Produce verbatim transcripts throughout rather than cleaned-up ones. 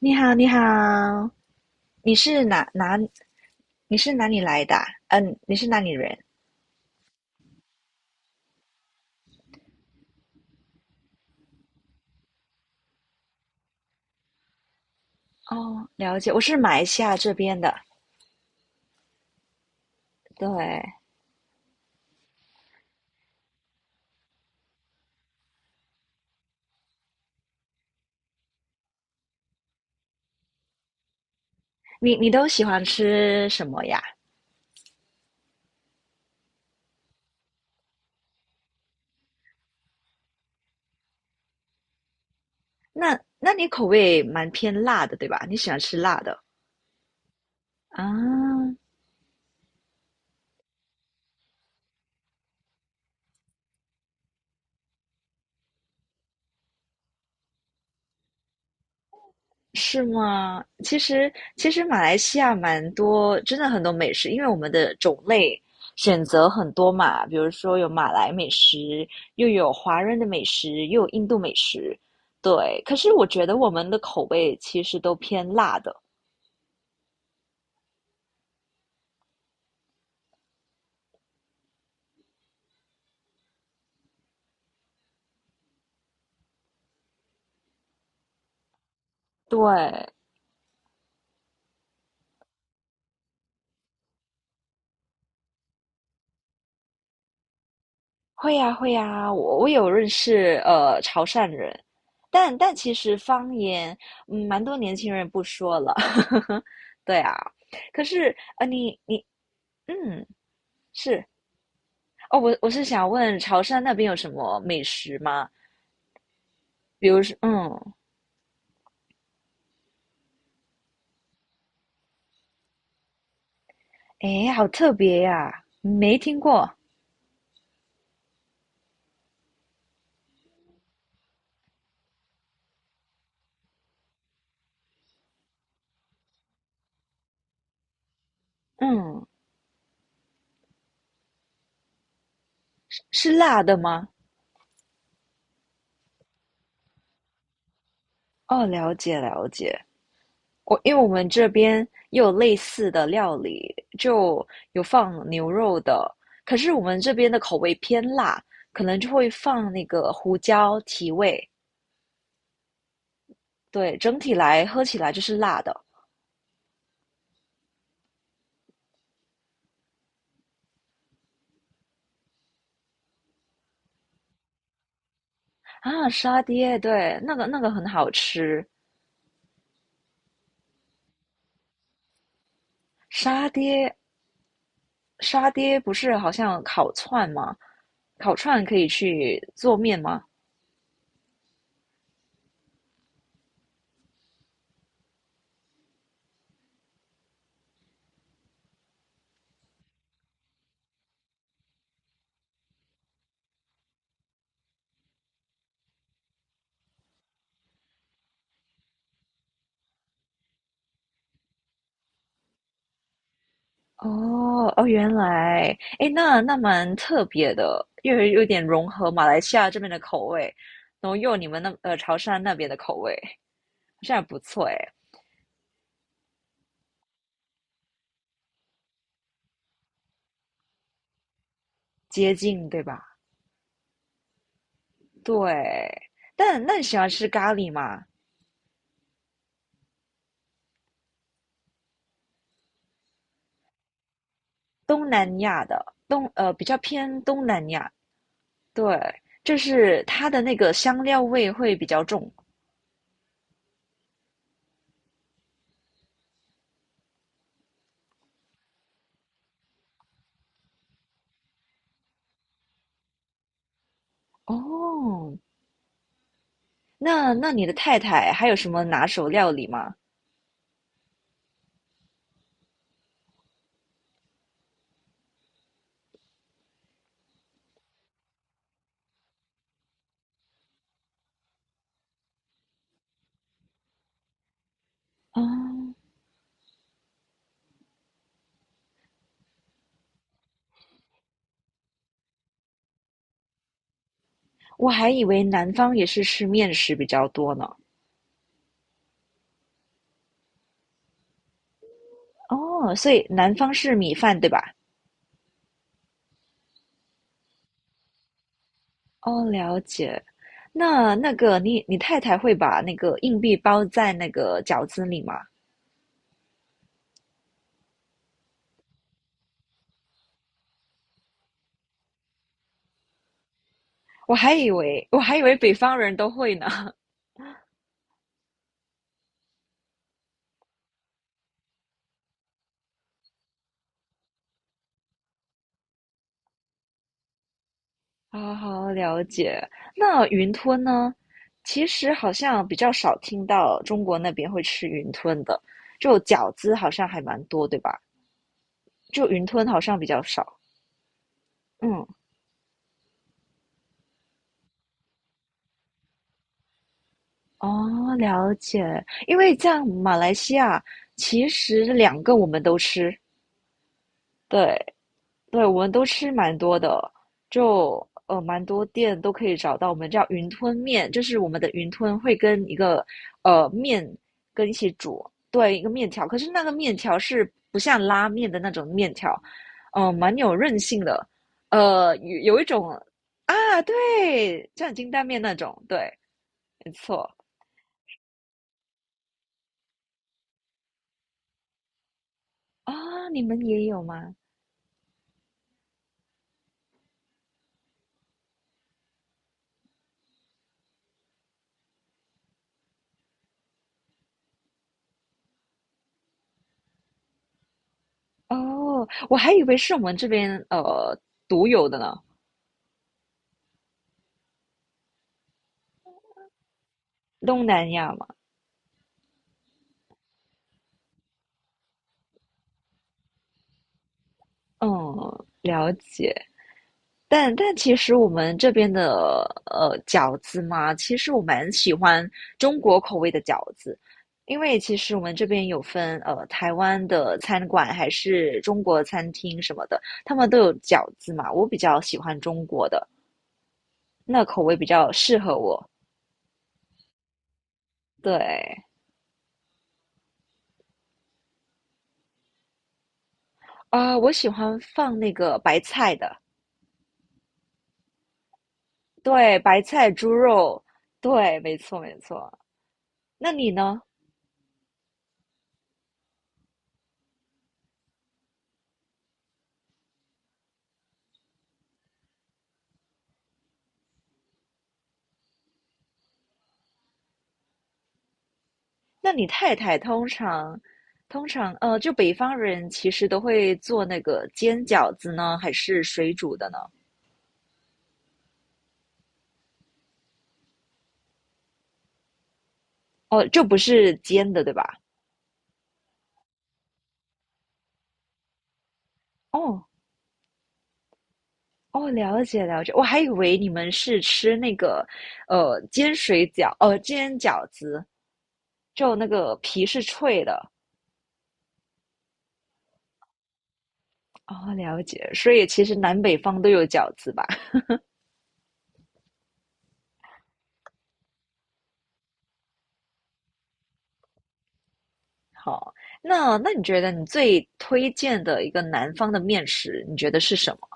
你好，你好，你是哪哪？你是哪里来的啊嗯，你是哪里人？哦，了解，我是马来西亚这边的。对，你你都喜欢吃什么呀？那那你口味蛮偏辣的，对吧？你喜欢吃辣的啊？是吗？其实其实马来西亚蛮多，真的很多美食，因为我们的种类选择很多嘛，比如说有马来美食，又有华人的美食，又有印度美食，对。可是我觉得我们的口味其实都偏辣的，对。会呀会呀，我我有认识呃潮汕人，但但其实方言，嗯，蛮多年轻人不说了，对啊。可是呃你你嗯是。哦，我我是想问潮汕那边有什么美食吗？比如说，嗯，诶，好特别呀，没听过。嗯，是辣的吗？哦，了解了解。我因为我们这边也有类似的料理，就有放牛肉的，可是我们这边的口味偏辣，可能就会放那个胡椒提味。对，整体来喝起来就是辣的。啊，沙爹，对，那个那个很好吃，沙爹沙爹不是好像烤串吗？烤串可以去做面吗？哦哦，原来，诶，那那蛮特别的，又有点融合马来西亚这边的口味，然后又有你们那呃潮汕那边的口味，好像还不错诶，接近对吧？对，但那你喜欢吃咖喱吗？东南亚的东呃比较偏东南亚，对，就是它的那个香料味会比较重。哦，那那你的太太还有什么拿手料理吗？哦，我还以为南方也是吃面食比较多呢。哦，所以南方是米饭，对吧？哦，了解。那那个你你太太会把那个硬币包在那个饺子里吗？我还以为我还以为北方人都会呢。好好了解。那云吞呢？其实好像比较少听到中国那边会吃云吞的，就饺子好像还蛮多，对吧？就云吞好像比较少。嗯，哦，了解。因为像马来西亚，其实两个我们都吃，对对，我们都吃蛮多的，就呃蛮多店都可以找到。我们叫云吞面，就是我们的云吞会跟一个呃面跟一起煮，对，一个面条。可是那个面条是不像拉面的那种面条，嗯、呃，蛮有韧性的，呃，有有一种。啊，对，像金蛋面那种，对。没错。啊，你们也有吗？哦，我还以为是我们这边呃独有的呢，东南亚嘛，嗯，了解。但但其实我们这边的呃饺子嘛，其实我蛮喜欢中国口味的饺子，因为其实我们这边有分呃台湾的餐馆还是中国餐厅什么的，他们都有饺子嘛，我比较喜欢中国的，那口味比较适合我。对，啊，我喜欢放那个白菜的，对，白菜、猪肉，对，没错，没错。那你呢？那你太太通常，通常，呃，就北方人其实都会做那个煎饺子呢，还是水煮的呢？哦，就不是煎的，对吧？哦，哦，了解了解，我还以为你们是吃那个，呃，煎水饺，呃，煎饺子，就那个皮是脆的。哦，了解，所以其实南北方都有饺子吧？好，那那你觉得你最推荐的一个南方的面食，你觉得是什么？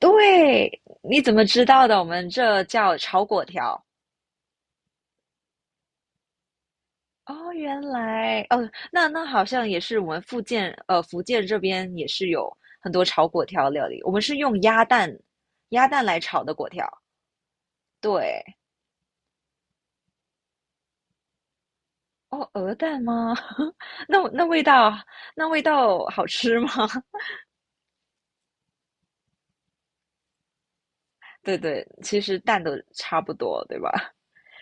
对，你怎么知道的？我们这叫炒粿条。哦，原来哦，那那好像也是我们福建呃福建这边也是有很多炒粿条料理。我们是用鸭蛋鸭蛋来炒的粿条。对，哦，鹅蛋吗？那那味道。那味道好吃吗？对对，其实蛋都差不多，对吧？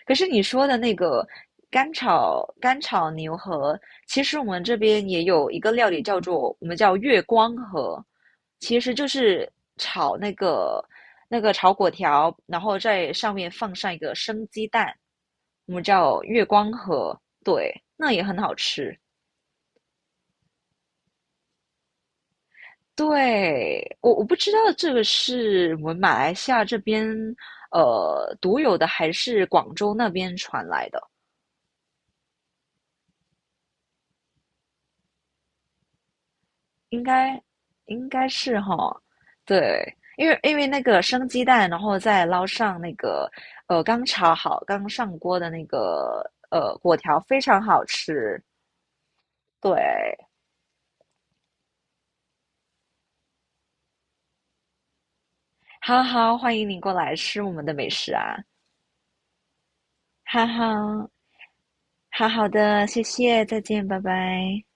可是你说的那个干炒干炒牛河，其实我们这边也有一个料理叫做我们叫月光河，其实就是炒那个那个炒粿条，然后在上面放上一个生鸡蛋，我们叫月光河，对，那也很好吃。对，我我不知道这个是我们马来西亚这边呃独有的，还是广州那边传来的。应该应该是哈，对，因为因为那个生鸡蛋，然后再捞上那个呃刚炒好、刚上锅的那个呃果条，非常好吃。对，好好欢迎你过来吃我们的美食啊！哈哈，好好的，谢谢，再见，拜拜。